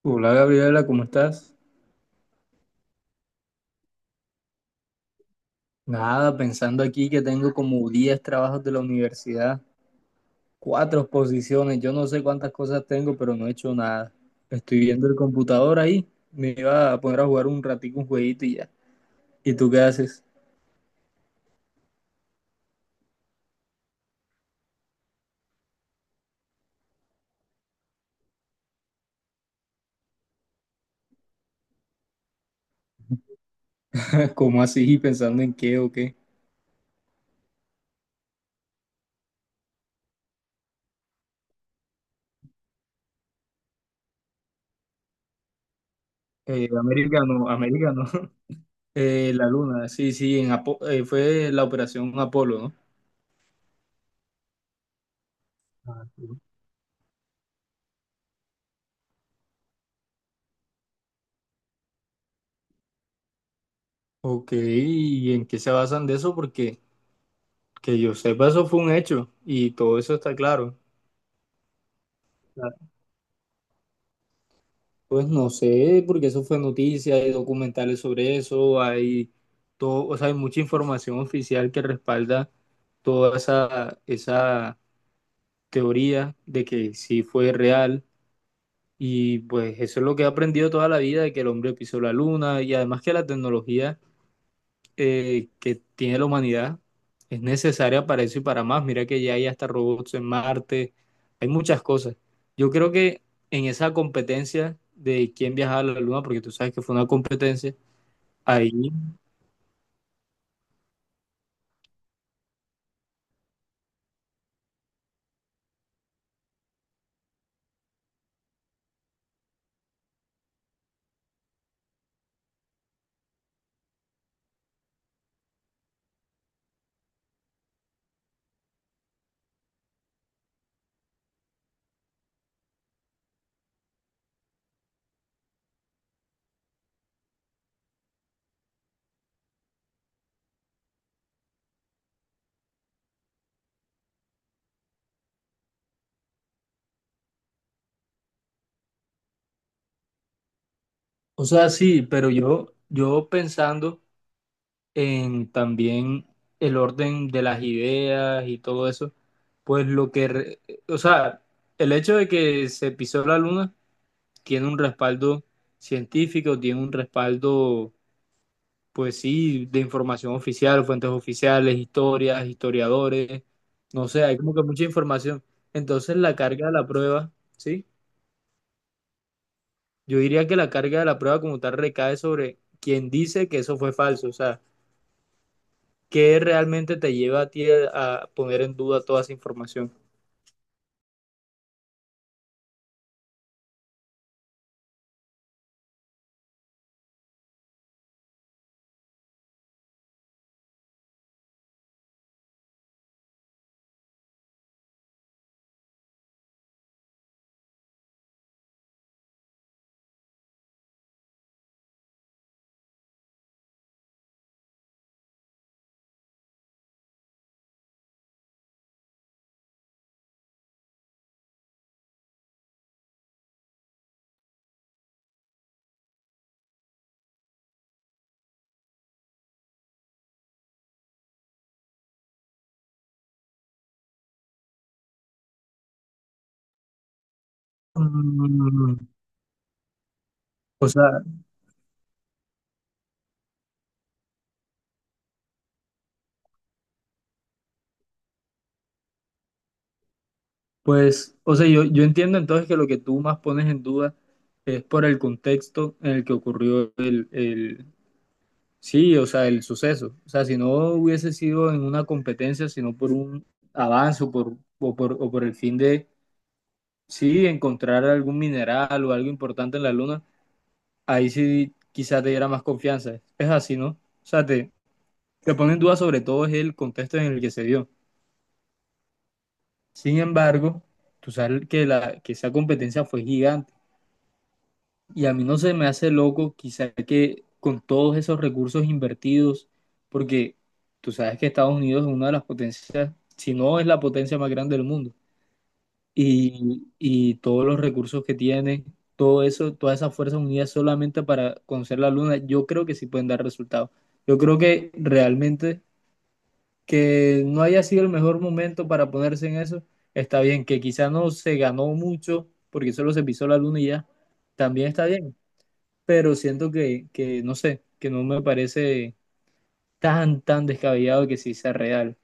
Hola Gabriela, ¿cómo estás? Nada, pensando aquí que tengo como 10 trabajos de la universidad, cuatro exposiciones, yo no sé cuántas cosas tengo, pero no he hecho nada. Estoy viendo el computador ahí, me iba a poner a jugar un ratico un jueguito y ya. ¿Y tú qué haces? ¿Cómo así? ¿Pensando en qué o qué? Americano, no, la luna, sí, sí, en fue la operación Apolo, ¿no? Ah. Ok, ¿y en qué se basan de eso? Porque que yo sepa, eso fue un hecho y todo eso está claro. Pues no sé, porque eso fue noticia, hay documentales sobre eso, hay todo, o sea, hay mucha información oficial que respalda toda esa teoría de que sí fue real. Y pues eso es lo que he aprendido toda la vida, de que el hombre pisó la luna y además que la tecnología que tiene la humanidad es necesaria para eso y para más. Mira que ya hay hasta robots en Marte, hay muchas cosas. Yo creo que en esa competencia de quién viajaba a la Luna, porque tú sabes que fue una competencia, ahí, o sea, sí, pero yo pensando en también el orden de las ideas y todo eso, pues o sea, el hecho de que se pisó la Luna tiene un respaldo científico, tiene un respaldo pues sí, de información oficial, fuentes oficiales, historias, historiadores, no sé, hay como que mucha información. Entonces la carga de la prueba, ¿sí? Yo diría que la carga de la prueba como tal recae sobre quien dice que eso fue falso, o sea, ¿qué realmente te lleva a ti a poner en duda toda esa información? Mm, O sea, pues, o sea, yo entiendo entonces que lo que tú más pones en duda es por el contexto en el que ocurrió. Sí, o sea, el suceso. O sea, si no hubiese sido en una competencia, sino por un avance o por el fin de, sí, encontrar algún mineral o algo importante en la luna, ahí sí quizás te diera más confianza. Es así, ¿no? O sea, te pone en duda sobre todo es el contexto en el que se dio. Sin embargo, tú sabes que esa competencia fue gigante. Y a mí no se me hace loco, quizá que con todos esos recursos invertidos, porque tú sabes que Estados Unidos es una de las potencias, si no es la potencia más grande del mundo, y todos los recursos que tiene, todo eso, todas esas fuerzas unidas solamente para conocer la luna, yo creo que sí pueden dar resultados. Yo creo que realmente que no haya sido el mejor momento para ponerse en eso, está bien, que quizá no se ganó mucho porque solo se pisó la luna y ya, también está bien pero siento que, no sé, que no me parece tan, tan descabellado que sí sea real.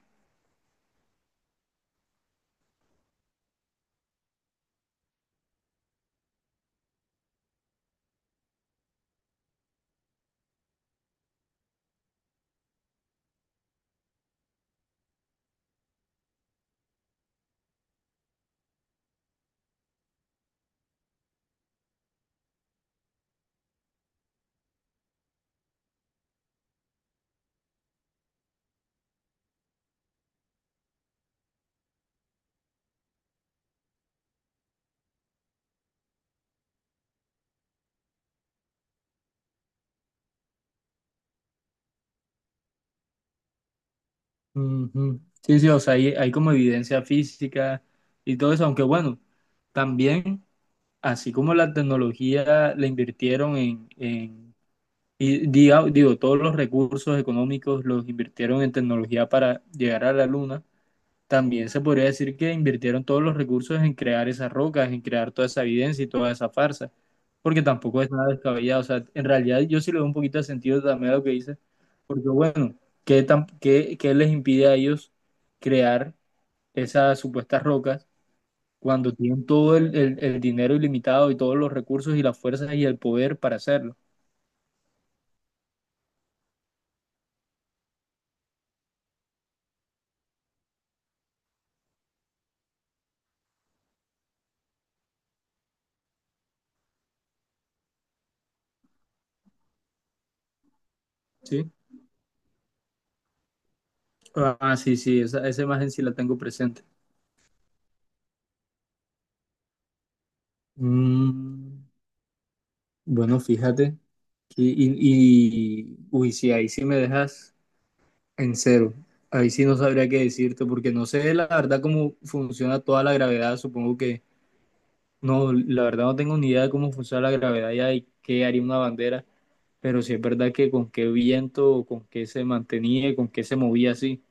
Ujú. Sí, sí, o sea, hay como evidencia física y todo eso, aunque bueno, también, así como la tecnología la invirtieron en y digo, todos los recursos económicos los invirtieron en tecnología para llegar a la luna, también se podría decir que invirtieron todos los recursos en crear esas rocas, en crear toda esa evidencia y toda esa farsa, porque tampoco es nada descabellado. O sea, en realidad yo sí le doy un poquito de sentido también a lo que dice, porque bueno, ¿Qué les impide a ellos crear esas supuestas rocas cuando tienen todo el dinero ilimitado y todos los recursos y las fuerzas y el poder para hacerlo? ¿Sí? Ah, sí, sí, esa imagen sí la tengo presente. Mm. Bueno, fíjate. Y uy, sí, ahí sí me dejas en cero. Ahí sí no sabría qué decirte, porque no sé la verdad cómo funciona toda la gravedad. Supongo que no, la verdad no tengo ni idea de cómo funciona la gravedad ya y qué haría una bandera, pero sí es verdad que con qué viento, o con qué se mantenía, y con qué se movía así.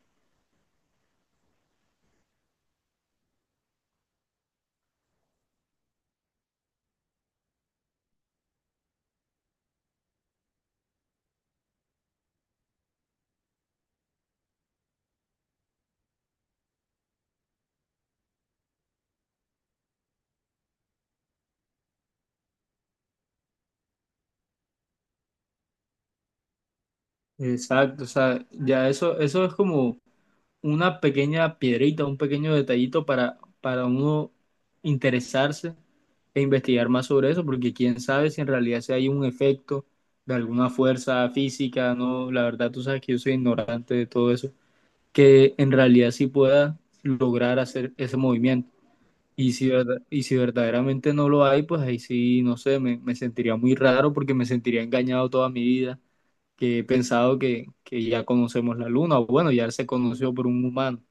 Exacto, o sea, ya eso es como una pequeña piedrita, un pequeño detallito para uno interesarse e investigar más sobre eso, porque quién sabe si en realidad si hay un efecto de alguna fuerza física, no, la verdad tú sabes que yo soy ignorante de todo eso, que en realidad sí pueda lograr hacer ese movimiento. Y si verdaderamente no lo hay, pues ahí sí, no sé, me sentiría muy raro porque me sentiría engañado toda mi vida, que he pensado que ya conocemos la luna, o bueno, ya se conoció por un humano.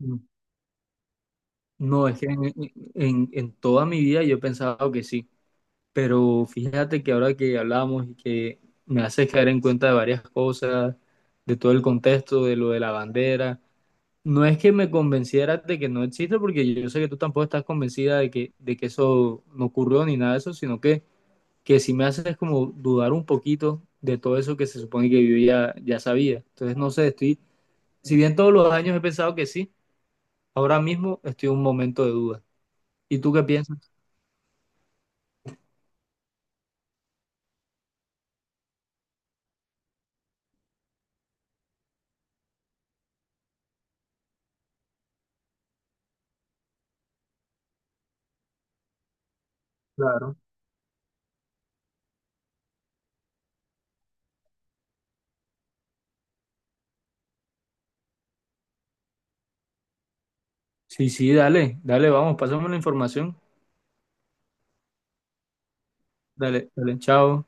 No, no, es que en toda mi vida yo he pensado que sí, pero fíjate que ahora que hablamos y que me haces caer en cuenta de varias cosas, de todo el contexto, de lo de la bandera, no es que me convencieras de que no existe, porque yo sé que tú tampoco estás convencida de que eso no ocurrió ni nada de eso, sino que sí me haces como dudar un poquito de todo eso que se supone que yo ya sabía. Entonces, no sé, estoy, si bien todos los años he pensado que sí, ahora mismo estoy en un momento de duda. ¿Y tú qué piensas? Claro. Sí, sí, dale, dale, vamos, pásame la información. Dale, dale, chao.